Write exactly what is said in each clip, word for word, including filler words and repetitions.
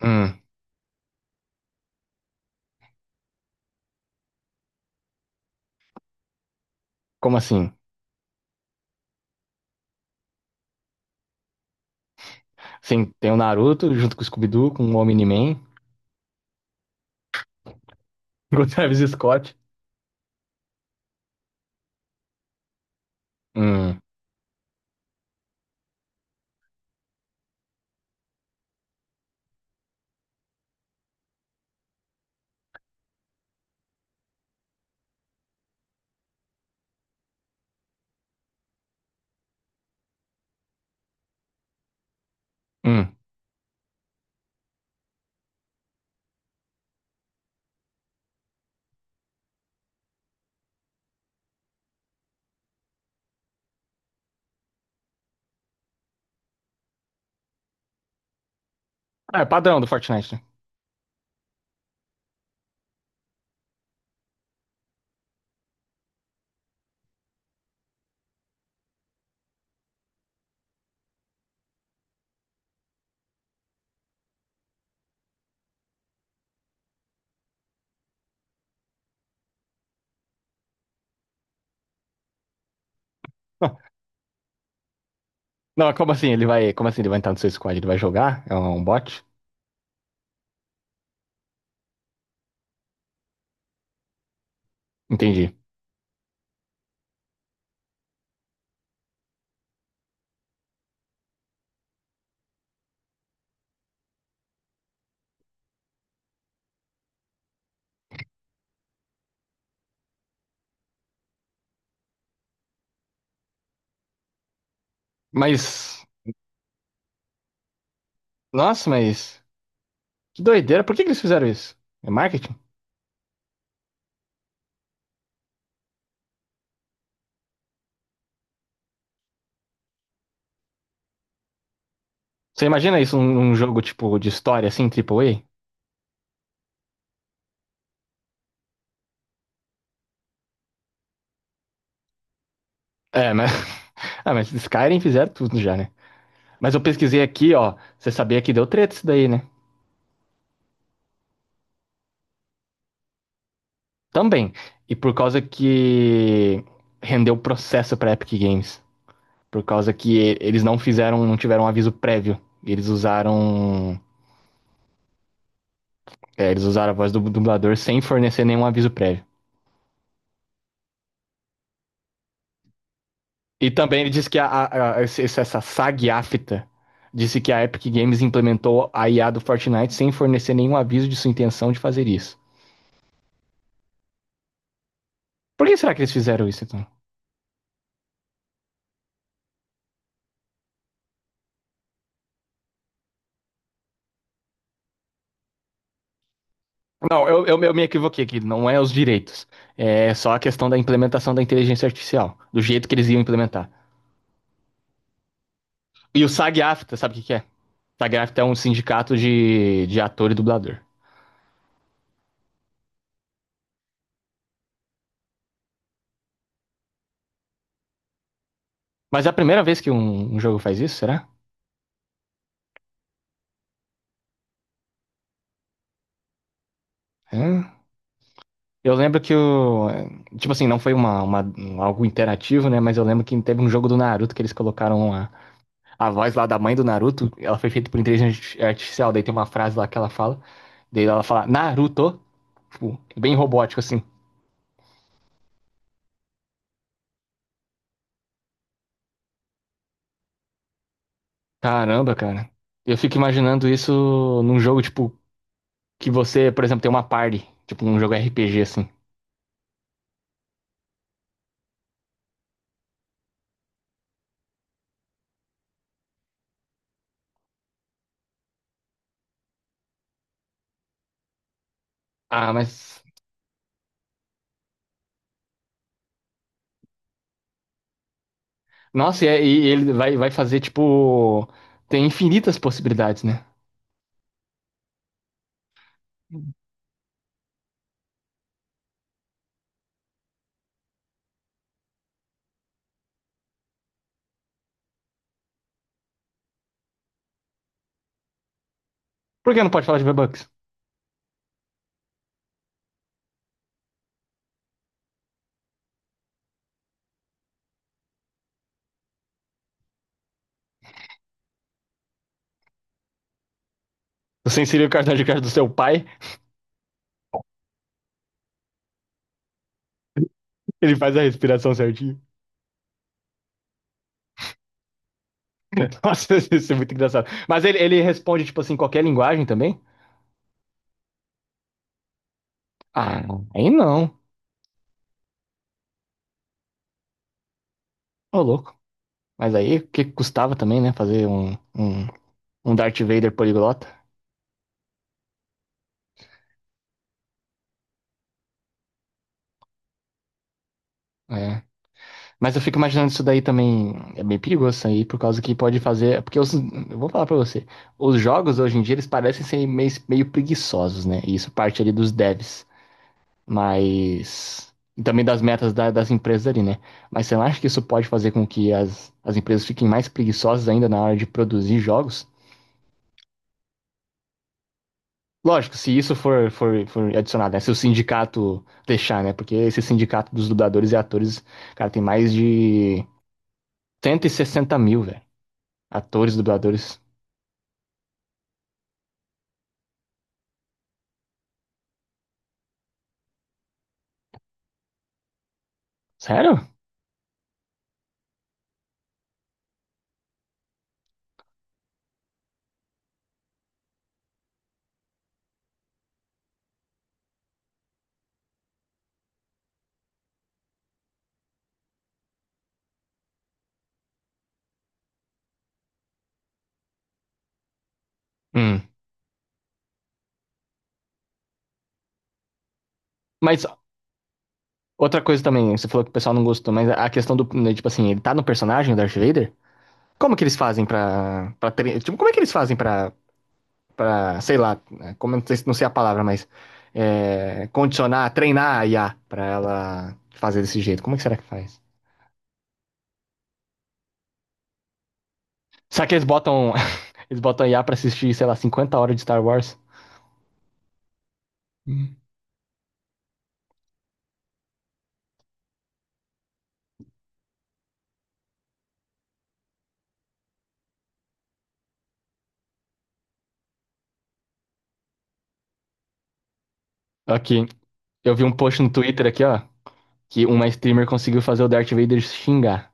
Hum, como assim? Sim, tem o Naruto junto com o Scooby-Doo, com o Omni-Man, com o Travis Scott. Hum, hum. Ah, é padrão do Fortnite, né? Não, como assim? Ele vai, como assim ele vai entrar no seu squad? Ele vai jogar? É um é um bot? Entendi. Mas, nossa, mas que doideira. Por que que eles fizeram isso? É marketing? Você imagina isso num, num jogo tipo de história assim, Triple A É, mas Ah, mas Skyrim fizeram tudo já, né? Mas eu pesquisei aqui, ó, você sabia que deu treta isso daí, né? Também. E por causa que rendeu processo pra Epic Games. Por causa que e- eles não fizeram, não tiveram um aviso prévio. Eles usaram, é, eles usaram a voz do dublador sem fornecer nenhum aviso prévio. E também ele disse que a, a- a- esse- essa S A G afta disse que a Epic Games implementou a I A do Fortnite sem fornecer nenhum aviso de sua intenção de fazer isso. Por que será que eles fizeram isso, então? Não, eu, eu, eu me equivoquei aqui, não é os direitos. É só a questão da implementação da inteligência artificial, do jeito que eles iam implementar. E o S A G-AFTRA, sabe o que que é? SAG-AFTRA é um sindicato de, de ator e dublador. Mas é a primeira vez que um, um jogo faz isso, será? Hã? Eu lembro que o. Tipo assim, não foi uma, uma- um- algo interativo, né? Mas eu lembro que teve um jogo do Naruto que eles colocaram a, a voz lá da mãe do Naruto. Ela foi feita por inteligência arti- artificial. Daí tem uma frase lá que ela fala. Daí ela fala, Naruto. Tipo, bem robótico, assim. Caramba, cara. Eu fico imaginando isso num jogo, tipo, que você, por exemplo, tem uma party, tipo, num jogo R P G, assim. Ah, mas. Nossa, e, é- e ele vai, vai fazer, tipo. Tem infinitas possibilidades, né? Por que não pode falar de V-Bucks? Você inseriu o cartão de crédito do seu pai, ele faz a respiração certinho. Nossa, isso é muito engraçado. Mas ele, ele responde, tipo assim, qualquer linguagem também? Ah, aí não. Ô, louco. Mas aí, o que custava também, né? Fazer um, um, um Darth Vader poliglota? É. Mas eu fico imaginando isso daí também é bem perigoso isso aí, por causa que pode fazer. Porque os, eu vou falar pra você, os jogos hoje em dia eles parecem ser meio, meio preguiçosos, né? E isso parte ali dos devs, mas. E também das metas da- das empresas ali, né? Mas você não acha que isso pode fazer com que as, as empresas fiquem mais preguiçosas ainda na hora de produzir jogos? Lógico, se isso for, for, for adicionado, né? Se o sindicato deixar, né? Porque esse sindicato dos dubladores e atores, cara, tem mais de cento e sessenta mil, velho. Atores, dubladores. Sério? Hum. Mas outra coisa também, você falou que o pessoal não gostou, mas a questão do, né, tipo assim, ele tá no personagem, o Darth Vader? Como que eles fazem pra, pra tre- tipo, como é que eles fazem pra, pra sei lá, né, como, não sei, não sei a palavra, mas é, condicionar, treinar a I A pra ela fazer desse jeito? Como é que será que faz? Será que eles botam, eles botam a I A pra assistir, sei lá, cinquenta horas de Star Wars? Hum. Aqui, eu vi um post no Twitter aqui, ó, que uma streamer conseguiu fazer o Darth Vader xingar.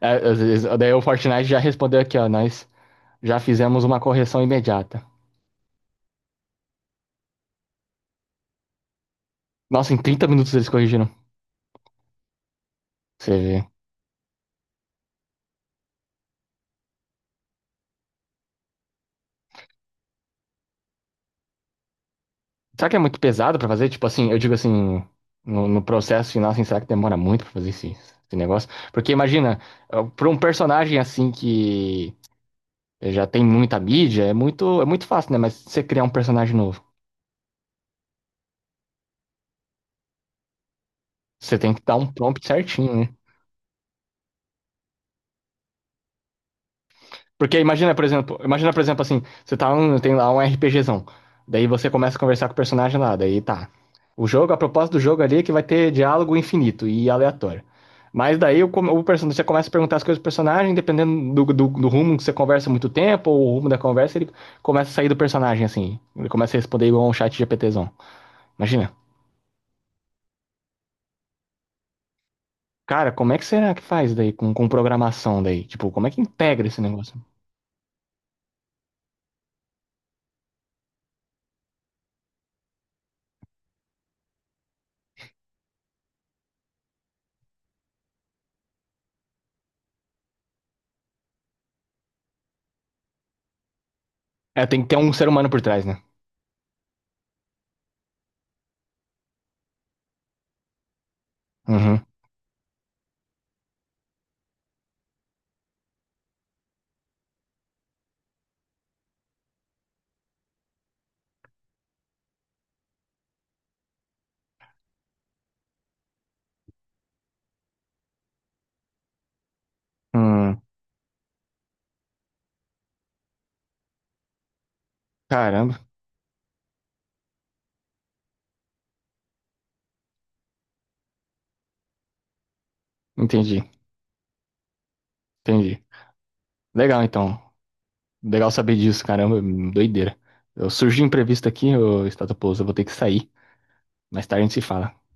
É, às vezes- daí o Fortnite já respondeu aqui, ó. Nós já fizemos uma correção imediata. Nossa, em trinta minutos eles corrigiram. Você vê. Será que é muito pesado pra fazer? Tipo assim, eu digo assim, no, no processo final, assim, será que demora muito pra fazer esse, esse negócio? Porque imagina, eh, pra um personagem assim que já tem muita mídia, é muito, é muito fácil, né? Mas você criar um personagem novo, você tem que dar um prompt certinho, né? Porque imagina, por exemplo, imagina, por exemplo, assim, você tá um, tem lá um RPGzão. Daí você começa a conversar com o personagem lá, daí tá. O jogo, a proposta do jogo ali é que vai ter diálogo infinito e aleatório. Mas daí o, com- o personagem, você começa a perguntar as coisas do personagem, dependendo do, do, do rumo que você conversa muito tempo, ou o rumo da conversa, ele começa a sair do personagem, assim. Ele começa a responder igual um chat GPTzão. Imagina. Cara, como é que será que faz daí com, com programação daí? Tipo, como é que integra esse negócio? É, tem que ter um ser humano por trás, né? Uhum. Hum, caramba. Entendi, entendi. Legal, então. Legal saber disso, caramba, doideira. Eu surgi imprevisto aqui, ô Estado Pouso, eu vou ter que sair. Mais tarde a gente se fala.